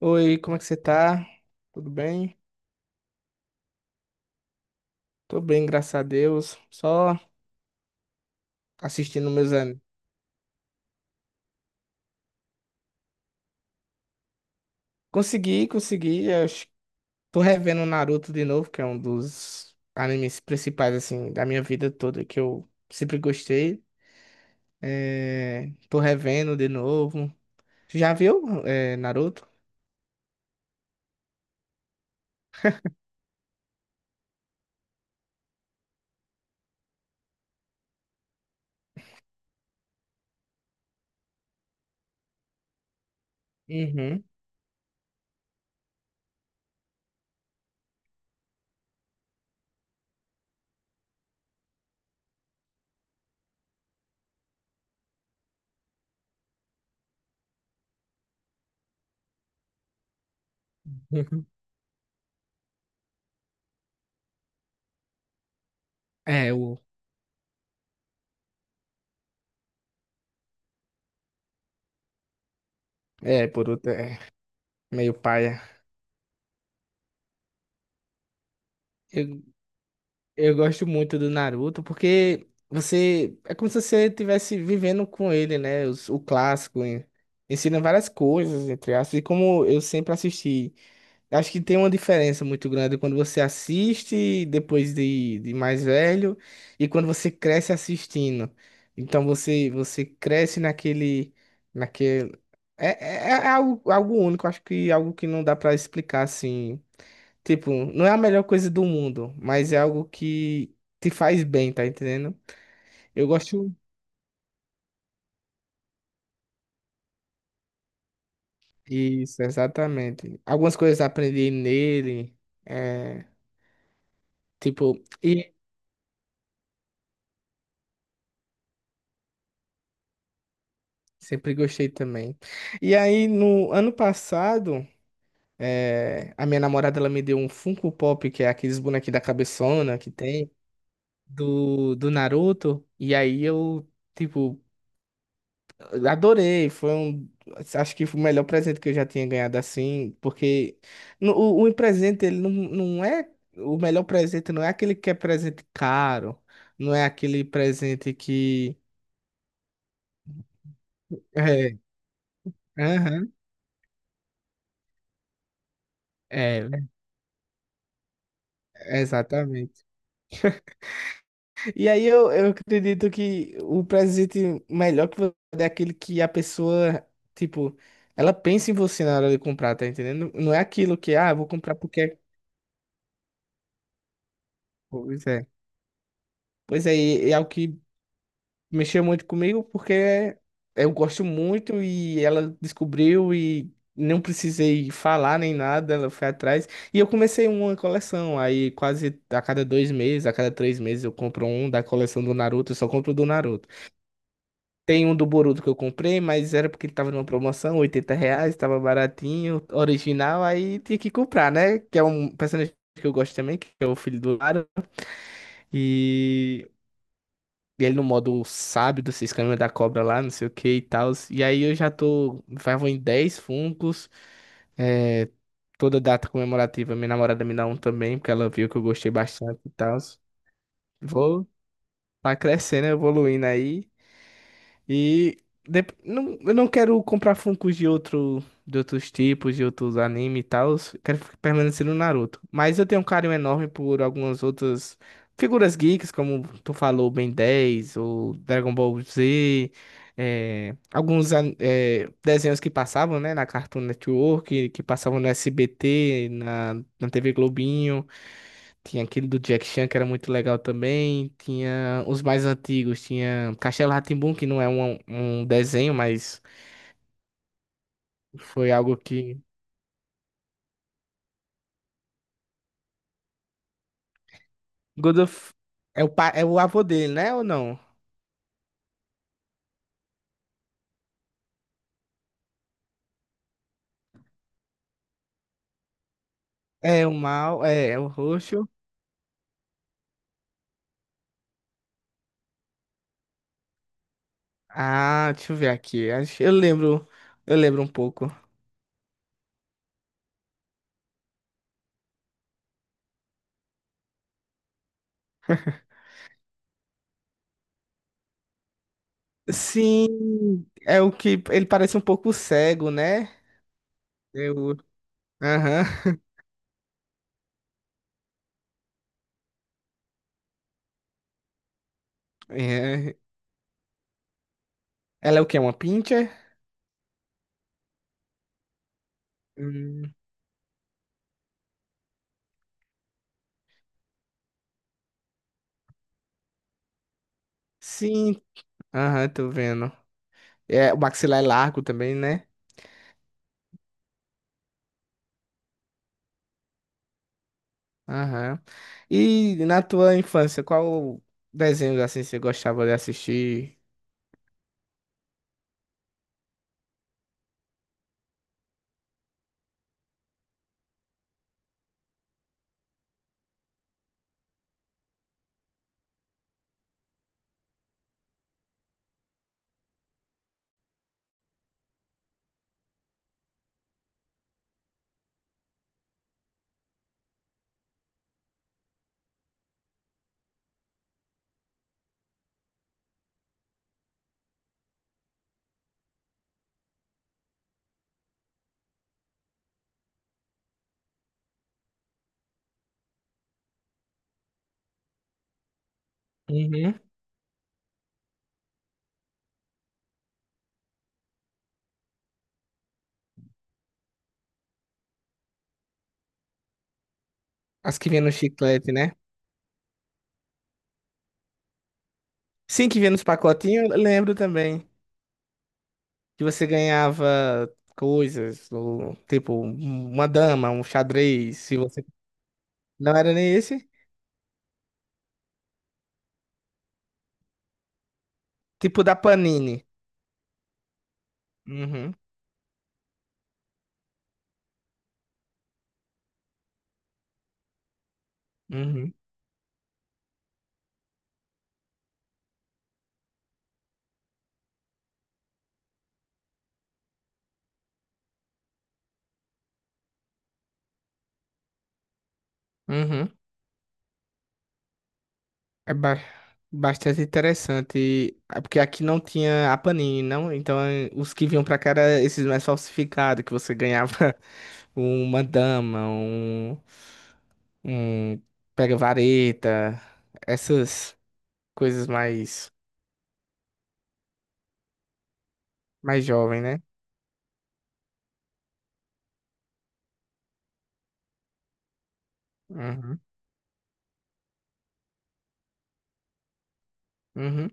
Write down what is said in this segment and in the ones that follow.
Oi, como é que você tá? Tudo bem? Tô bem, graças a Deus. Só assistindo meus animes. Consegui, consegui. Tô revendo Naruto de novo, que é um dos animes principais, assim, da minha vida toda, que eu sempre gostei. É, tô revendo de novo. Já viu, é, Naruto? Uhum. É. É, Boruto é meio paia. Eu gosto muito do Naruto porque você é como se você estivesse vivendo com ele, né? O clássico ensina várias coisas, entre aspas. E como eu sempre assisti, acho que tem uma diferença muito grande quando você assiste depois de mais velho e quando você cresce assistindo. Então você cresce naquele é, algo único, acho que algo que não dá pra explicar assim. Tipo, não é a melhor coisa do mundo, mas é algo que te faz bem, tá entendendo? Eu gosto. Isso, exatamente. Algumas coisas aprendi nele, é, tipo, e sempre gostei também. E aí, no ano passado, a minha namorada ela me deu um Funko Pop, que é aqueles bonequinhos da cabeçona que tem, do Naruto, e aí eu. Tipo, eu adorei, foi um. Acho que foi o melhor presente que eu já tinha ganhado assim, porque o presente, ele não, não é. O melhor presente não é aquele que é presente caro, não é aquele presente que. É, aham, é, exatamente. E aí eu acredito que o presente melhor que você dá é aquele que a pessoa, tipo, ela pensa em você na hora de comprar, tá entendendo? Não é aquilo que, ah, eu vou comprar porque. Pois é. Pois é, e é o que mexeu muito comigo porque eu gosto muito e ela descobriu e não precisei falar nem nada, ela foi atrás. E eu comecei uma coleção, aí quase a cada 2 meses, a cada 3 meses eu compro um da coleção do Naruto, eu só compro do Naruto. Tem um do Boruto que eu comprei, mas era porque ele tava numa promoção, R$ 80, tava baratinho, original, aí tinha que comprar, né? Que é um personagem que eu gosto também, que é o filho do Naruto. E e ele no modo sábio dos seis caminhos da cobra lá, não sei o que e tal. E aí eu já tô. Já vou em 10 funcos. É, toda data comemorativa, minha namorada me dá um também, porque ela viu que eu gostei bastante e tal. Vou tá crescendo, evoluindo aí. E não, eu não quero comprar Funkos de outro, de outros tipos, de outros anime e tal. Quero permanecer no Naruto. Mas eu tenho um carinho enorme por algumas outras figuras geeks, como tu falou, Ben 10 ou Dragon Ball Z. Desenhos que passavam, né, na Cartoon Network, que passavam no SBT, na, na TV Globinho. Tinha aquele do Jack Chan, que era muito legal também. Tinha os mais antigos. Tinha Castelo rá que não é um desenho, mas foi algo que. God of... é o, pa... é o avô dele, né? Ou não? É o mal, é, é o roxo. Ah, deixa eu ver aqui. Eu lembro um pouco. Sim, é o que ele parece um pouco cego, né? Eu, aham. É. Ela é o que? Uma pincher? Hum, Sim, aham, tô vendo. É, o maxilar é largo também, né? Aham. E na tua infância, qual desenhos assim você gostava de assistir? Uhum. As que vinha no chiclete, né? Sim, que vinha nos pacotinhos, eu lembro também. Que você ganhava coisas, ou, tipo, uma dama, um xadrez, se você... Não era nem esse? Tipo da Panini. Uhum, uhum, uhum. É ba- Bastante interessante. Ah, porque aqui não tinha a Panini, não? Então os que vinham pra cá eram esses mais falsificados, que você ganhava uma dama, um, um pega-vareta, essas coisas mais, mais jovem, né? Uhum, uhum,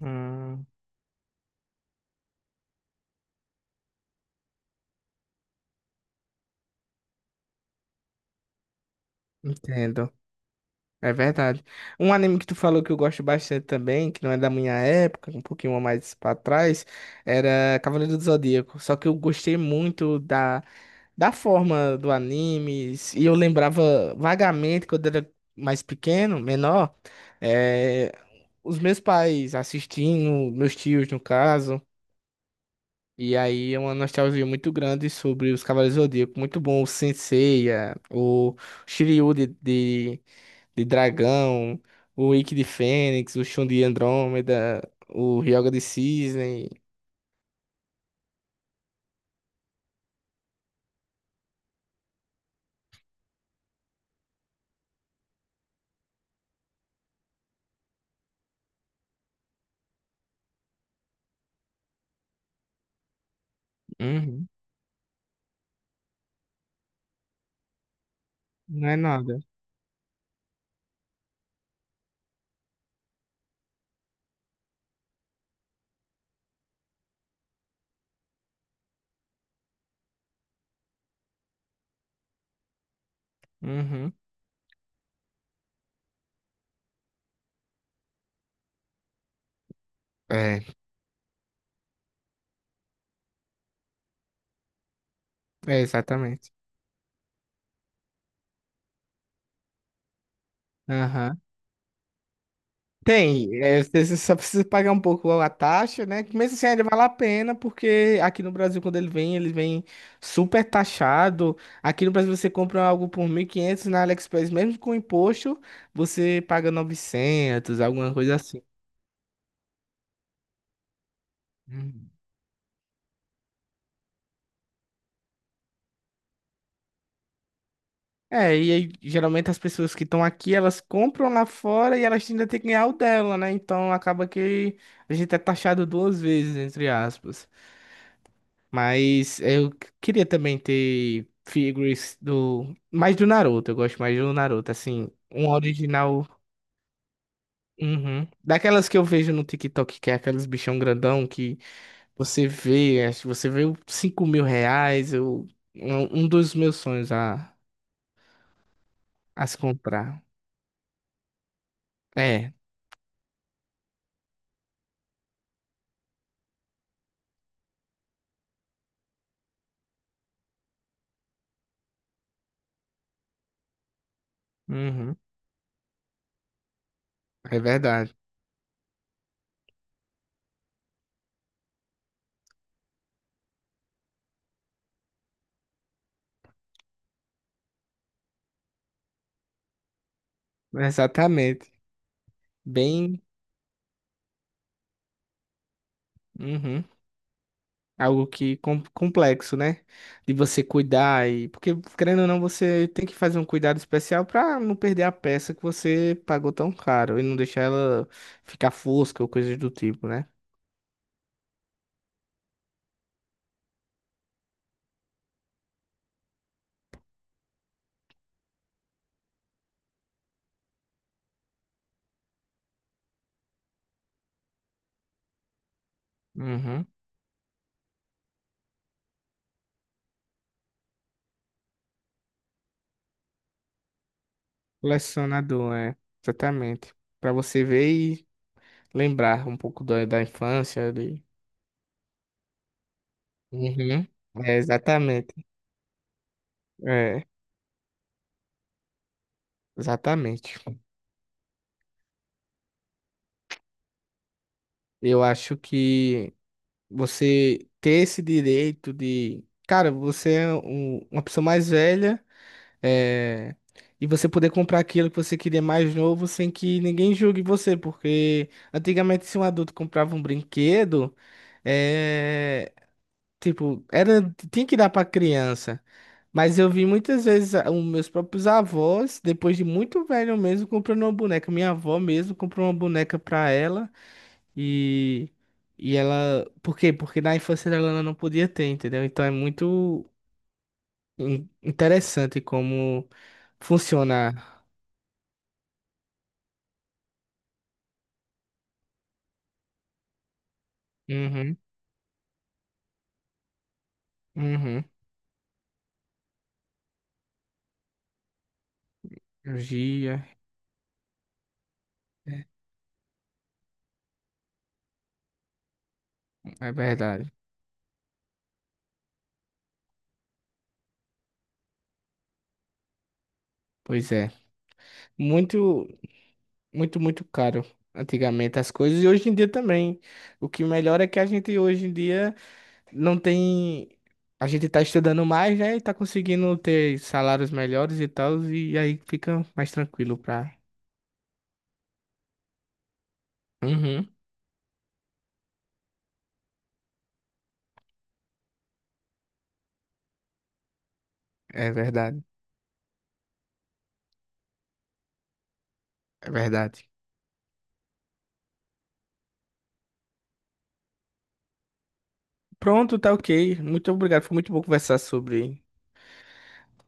hum, entendo, é verdade. Um anime que tu falou que eu gosto bastante também, que não é da minha época, um pouquinho mais pra trás, era Cavaleiro do Zodíaco, só que eu gostei muito da forma do anime, e eu lembrava vagamente quando era mais pequeno, menor, eh, os meus pais assistindo, meus tios no caso, e aí é uma nostalgia muito grande sobre os Cavaleiros do Zodíaco, muito bom o Sensei, o Shiryu de dragão, o Ikki de Fênix, o Shun de Andrômeda, o Ryoga de Cisne. Uhum. Não é nada. Uhum. É, Exatamente. Tem, é, você só precisa pagar um pouco a taxa, né? Que mesmo assim, ainda vale a pena, porque aqui no Brasil, quando ele vem super taxado. Aqui no Brasil, você compra algo por 1.500 na AliExpress, mesmo com imposto, você paga 900 alguma coisa assim. Uhum. É, e aí, geralmente as pessoas que estão aqui, elas compram lá fora e elas ainda têm que ganhar o dela, né? Então acaba que a gente é taxado duas vezes, entre aspas. Mas eu queria também ter figures do. Mais do Naruto, eu gosto mais do Naruto, assim. Um original. Uhum. Daquelas que eu vejo no TikTok, que é aqueles bichão grandão que você vê, acho que você vê o R$ 5.000. Eu, é um dos meus sonhos a se comprar. É. Uhum. É verdade. Exatamente. Bem. Uhum. Algo que complexo, né? De você cuidar e porque querendo ou não, você tem que fazer um cuidado especial para não perder a peça que você pagou tão caro e não deixar ela ficar fosca ou coisas do tipo, né? Uhum. Colecionador, é, exatamente. Para você ver e lembrar um pouco da, da infância ali. Uhum. É, exatamente. É, exatamente. Eu acho que você ter esse direito de, cara, você é uma pessoa mais velha, é, e você poder comprar aquilo que você queria mais novo sem que ninguém julgue você, porque antigamente se um adulto comprava um brinquedo, é, tipo, era, tinha que dar pra criança. Mas eu vi muitas vezes os meus próprios avós, depois de muito velho mesmo, comprando uma boneca. Minha avó mesmo comprou uma boneca pra ela. E, e ela. Por quê? Porque na infância dela ela não podia ter, entendeu? Então é muito interessante como funciona. Uhum, uhum. Cirurgia, é verdade. Pois é. Muito, muito, muito caro antigamente as coisas e hoje em dia também. O que melhora é que a gente hoje em dia não tem. A gente tá estudando mais, né? E tá conseguindo ter salários melhores e tal, e aí fica mais tranquilo pra. Uhum, é verdade. É verdade. Pronto, tá ok. Muito obrigado. Foi muito bom conversar sobre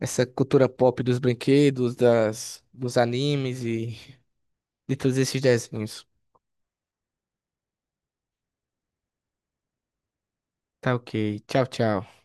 essa cultura pop dos brinquedos, das, dos animes e de todos esses desenhos. Tá ok. Tchau, tchau.